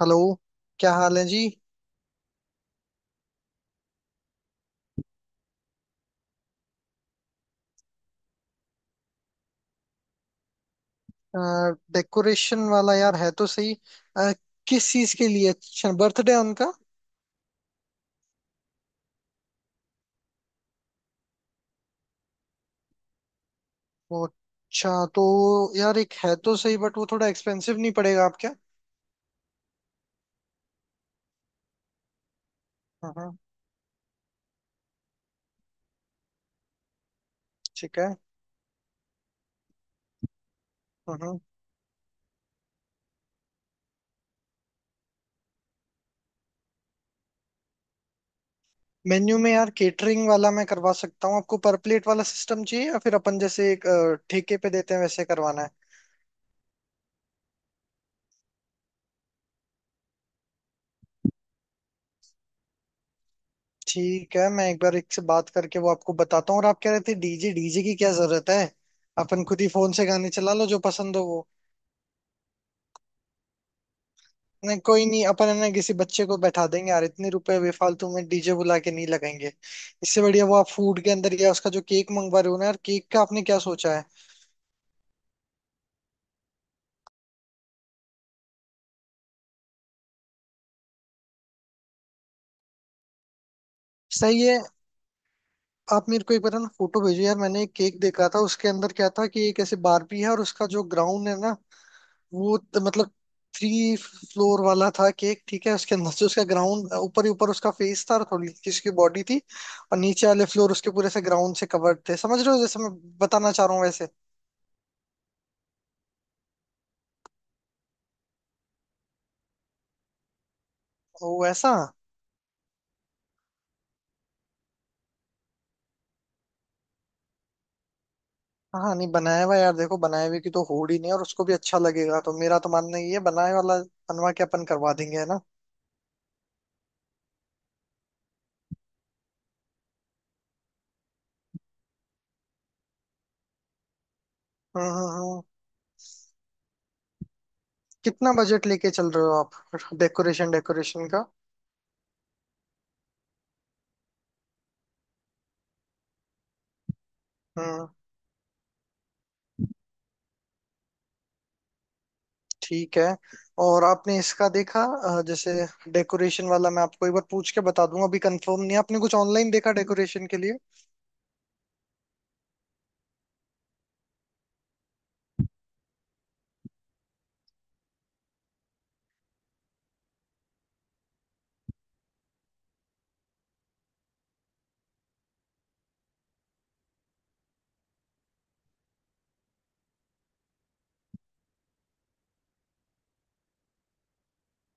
Hello. क्या हाल है जी। डेकोरेशन वाला यार है तो सही। अ, किस चीज के लिए? अच्छा, बर्थडे है उनका। ओ, अच्छा तो। यार एक है तो सही, बट वो थोड़ा एक्सपेंसिव नहीं पड़ेगा आपके? हाँ हाँ। ठीक है। हाँ। मेन्यू में यार केटरिंग वाला मैं करवा सकता हूँ आपको। पर प्लेट वाला सिस्टम चाहिए या फिर अपन जैसे एक ठेके पे देते हैं वैसे करवाना है? ठीक है, मैं एक बार एक से बात करके वो आपको बताता हूँ। और आप कह रहे थे डीजे डीजे की क्या जरूरत है? अपन खुद ही फोन से गाने चला लो जो पसंद हो वो। नहीं कोई नहीं, अपन है ना किसी बच्चे को बैठा देंगे यार, इतने रुपए बेफालतू में डीजे बुला के नहीं लगाएंगे। इससे बढ़िया वो आप फूड के अंदर या उसका जो केक मंगवा रहे हो ना यार, केक का आपने क्या सोचा है? सही है। आप मेरे को एक बार है ना फोटो भेजो यार, मैंने एक केक देखा था उसके अंदर क्या था कि एक ऐसे बारबी है और उसका जो ग्राउंड है ना। मतलब। 3 फ्लोर वाला था केक, ठीक है? उसके अंदर से उसका ग्राउंड ऊपर ही ऊपर, उसका फेस था और थोड़ी सी उसकी बॉडी थी। और नीचे वाले फ्लोर उसके पूरे से ग्राउंड से कवर्ड थे, समझ रहे हो जैसे मैं बताना चाह रहा हूँ वैसे? वो ऐसा। हाँ नहीं बनाया हुआ यार, देखो बनाए हुए की तो होड़ ही नहीं है और उसको भी अच्छा लगेगा, तो मेरा तो मानना ये है बनाए वाला बनवा के अपन करवा देंगे, है ना। हम्म हम्म हम्म। कितना बजट लेके चल रहे हो आप डेकोरेशन डेकोरेशन का? हम्म। ठीक है। और आपने इसका देखा जैसे, डेकोरेशन वाला मैं आपको एक बार पूछ के बता दूंगा, अभी कंफर्म नहीं है। आपने कुछ ऑनलाइन देखा डेकोरेशन के लिए?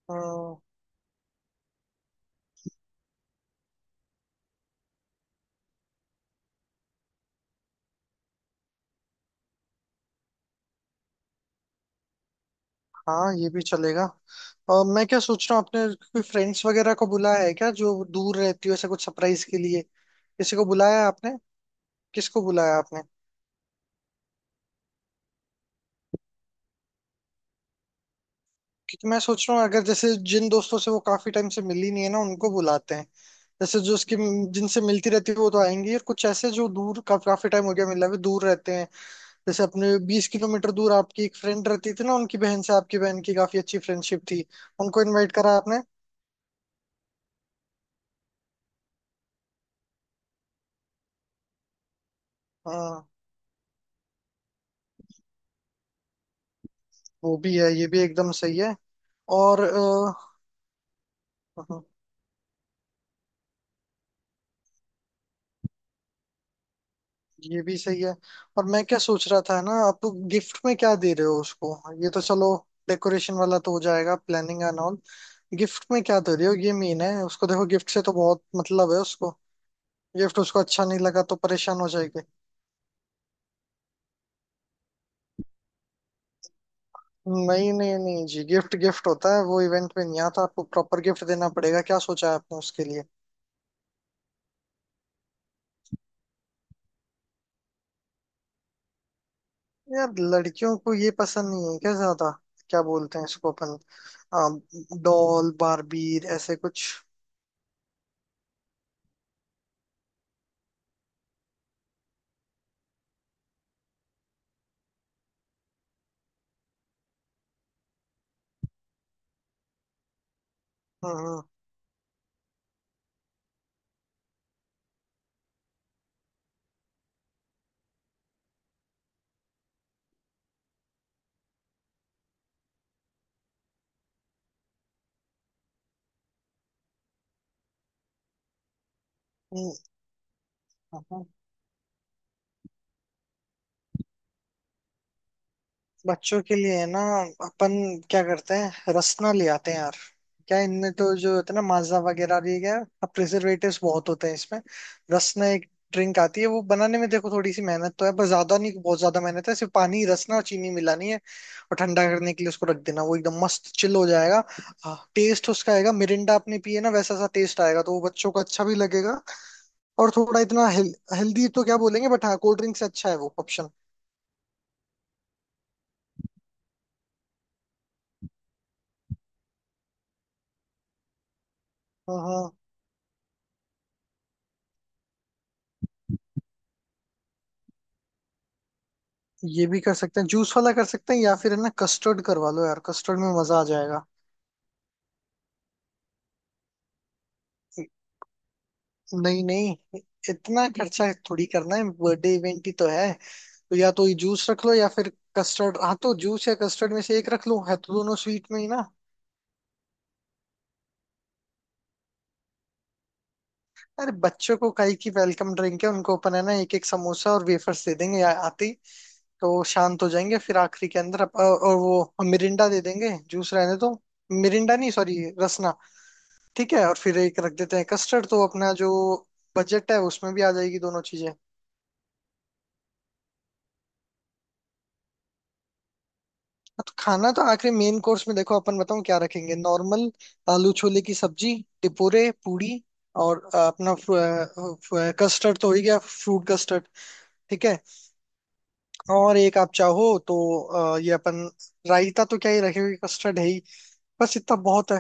हम्म। हाँ, ये भी चलेगा। और मैं क्या सोच रहा हूँ, आपने कोई फ्रेंड्स वगैरह को बुलाया है क्या, जो दूर रहती हो, ऐसे कुछ सरप्राइज के लिए? किसी को बुलाया है आपने? किसको बुलाया आपने? क्योंकि मैं सोच रहा हूँ अगर जैसे जिन दोस्तों से वो काफी टाइम से मिली नहीं है ना, उनको बुलाते हैं। जैसे जो उसकी जिनसे मिलती रहती है वो तो आएंगी, और कुछ ऐसे जो दूर का काफी टाइम हो गया मिला हुए दूर रहते हैं। जैसे अपने 20 किलोमीटर दूर आपकी एक फ्रेंड रहती थी ना, उनकी बहन से आपकी बहन की काफी अच्छी फ्रेंडशिप थी, उनको इनवाइट करा आपने? हाँ, वो भी है, ये भी एकदम सही है। और ये भी सही है। और मैं क्या सोच रहा था ना आप, गिफ्ट में क्या दे रहे हो उसको? ये तो चलो डेकोरेशन वाला तो हो जाएगा, प्लानिंग एंड ऑल। गिफ्ट में क्या दे रहे हो ये मेन है, उसको देखो गिफ्ट से तो बहुत मतलब है उसको। गिफ्ट उसको अच्छा नहीं लगा तो परेशान हो जाएगी। नहीं नहीं नहीं जी, गिफ्ट गिफ्ट होता है, वो इवेंट में नहीं आता। आपको प्रॉपर गिफ्ट देना पड़ेगा, क्या सोचा है आपने उसके लिए? यार लड़कियों को ये पसंद नहीं है क्या ज्यादा? क्या बोलते हैं इसको अपन? डॉल बारबीर ऐसे कुछ। हम्म हम्म, हम्म। बच्चों के लिए है ना, अपन क्या करते हैं रसना ले आते हैं यार। क्या इनमें तो जो होता है ना माजा वगैरह भी क्या, अब प्रिजर्वेटिव्स बहुत होते हैं इसमें। रसना एक ड्रिंक आती है, वो बनाने में देखो थोड़ी सी मेहनत तो है पर ज्यादा नहीं, बहुत ज्यादा मेहनत है, सिर्फ पानी रसना और चीनी मिलानी है। और ठंडा करने के लिए उसको रख देना, वो एकदम मस्त चिल हो जाएगा। टेस्ट उसका आएगा मिरिंडा आपने पिए ना, वैसा सा टेस्ट आएगा तो वो बच्चों को अच्छा भी लगेगा। और थोड़ा इतना हेल्दी तो क्या बोलेंगे, बट हाँ कोल्ड ड्रिंक से अच्छा है वो। ऑप्शन। ये भी कर सकते हैं जूस वाला कर सकते हैं, या फिर है ना कस्टर्ड करवा लो यार, कस्टर्ड में मजा आ जाएगा। नहीं नहीं, इतना खर्चा थोड़ी करना है, बर्थडे इवेंट ही तो है। तो या तो ये जूस रख लो या फिर कस्टर्ड, हाँ। तो जूस या कस्टर्ड में से एक रख लो, है तो दोनों स्वीट में ही ना। अरे बच्चों को काई की वेलकम ड्रिंक है, उनको अपन है ना एक एक समोसा और वेफर्स दे देंगे आते ही, तो वो शांत हो जाएंगे। फिर आखिरी के अंदर और वो मिरिंडा दे देंगे, जूस रहने दो। मिरिंडा नहीं सॉरी, रसना। ठीक है और फिर एक रख देते हैं कस्टर्ड, तो अपना जो बजट है उसमें भी आ जाएगी दोनों चीजें, हाँ। तो खाना तो आखिरी मेन कोर्स में देखो अपन बताऊं क्या रखेंगे, नॉर्मल आलू छोले की सब्जी, टिपोरे पूड़ी। और अपना कस्टर्ड तो हो ही गया, फ्रूट कस्टर्ड। ठीक है। और एक आप चाहो तो ये अपन रायता तो क्या ही रखेंगे, कस्टर्ड है ही। बस इतना बहुत है।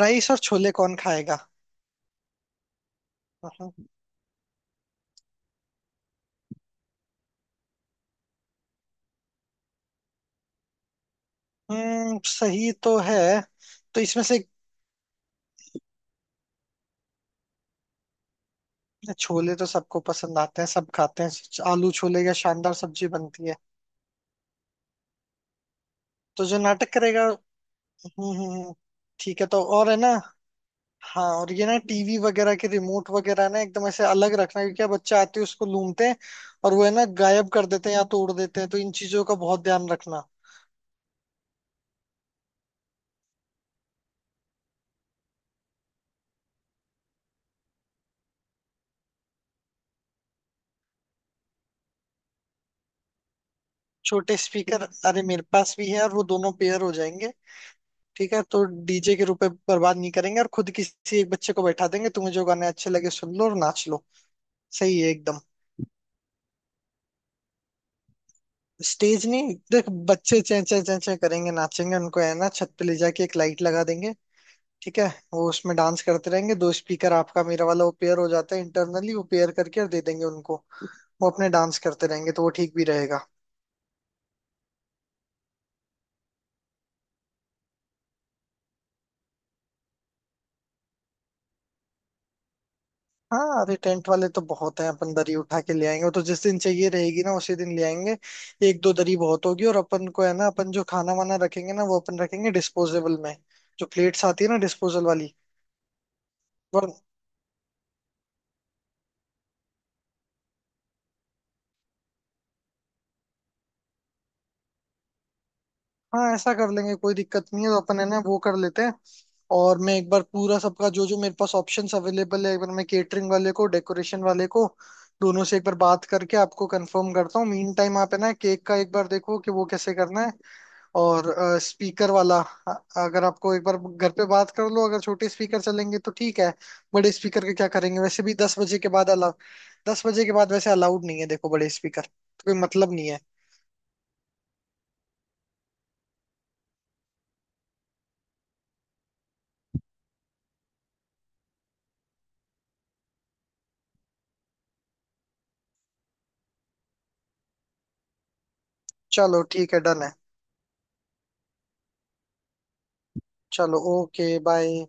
राइस और छोले कौन खाएगा? हम्म, सही तो है। तो इसमें से छोले तो सबको पसंद आते हैं, सब खाते हैं, आलू छोले या शानदार सब्जी बनती है। तो जो नाटक करेगा। हम्म। ठीक है तो, और है ना। हाँ, और ये ना टीवी वगैरह के रिमोट वगैरह ना एकदम ऐसे अलग रखना, क्योंकि अब बच्चे आते हैं उसको लूमते हैं। और वो है ना गायब कर देते हैं या तोड़ देते हैं, तो इन चीजों का बहुत ध्यान रखना। छोटे स्पीकर। अरे मेरे पास भी है, और वो दोनों पेयर हो जाएंगे। ठीक है, तो डीजे के रूप में बर्बाद नहीं करेंगे और खुद किसी एक बच्चे को बैठा देंगे, तुम्हें जो गाने अच्छे लगे सुन लो और नाच लो। सही है एकदम। स्टेज नहीं, देख, बच्चे चें चें चें चें करेंगे नाचेंगे, उनको है ना छत पे ले जाके एक लाइट लगा देंगे। ठीक है। वो उसमें डांस करते रहेंगे, दो स्पीकर आपका मेरा वाला वो पेयर हो जाता है इंटरनली, वो पेयर करके और दे देंगे उनको। वो अपने डांस करते रहेंगे तो वो ठीक भी रहेगा। हाँ, अरे टेंट वाले तो बहुत हैं, अपन दरी उठा के ले आएंगे, वो तो जिस दिन चाहिए रहेगी ना उसी दिन ले आएंगे। एक दो दरी बहुत होगी, और अपन को है ना अपन जो खाना वाना रखेंगे ना वो अपन रखेंगे डिस्पोजेबल में। जो प्लेट्स आती है ना डिस्पोजल वाली वर हाँ ऐसा कर लेंगे, कोई दिक्कत नहीं है, तो अपन है ना वो कर लेते हैं। और मैं एक बार पूरा सबका जो जो मेरे पास ऑप्शंस अवेलेबल है, एक बार मैं केटरिंग वाले को डेकोरेशन वाले को दोनों से एक बार बात करके आपको कंफर्म करता हूँ। मीन टाइम आप है ना केक का एक बार देखो कि वो कैसे करना है। और स्पीकर वाला अ, अगर आपको एक बार घर पे बात कर लो अगर छोटे स्पीकर चलेंगे तो ठीक है। बड़े स्पीकर का क्या करेंगे, वैसे भी 10 बजे के बाद वैसे अलाउड नहीं है, देखो बड़े स्पीकर तो कोई मतलब नहीं है। चलो ठीक है, डन है। चलो ओके बाय।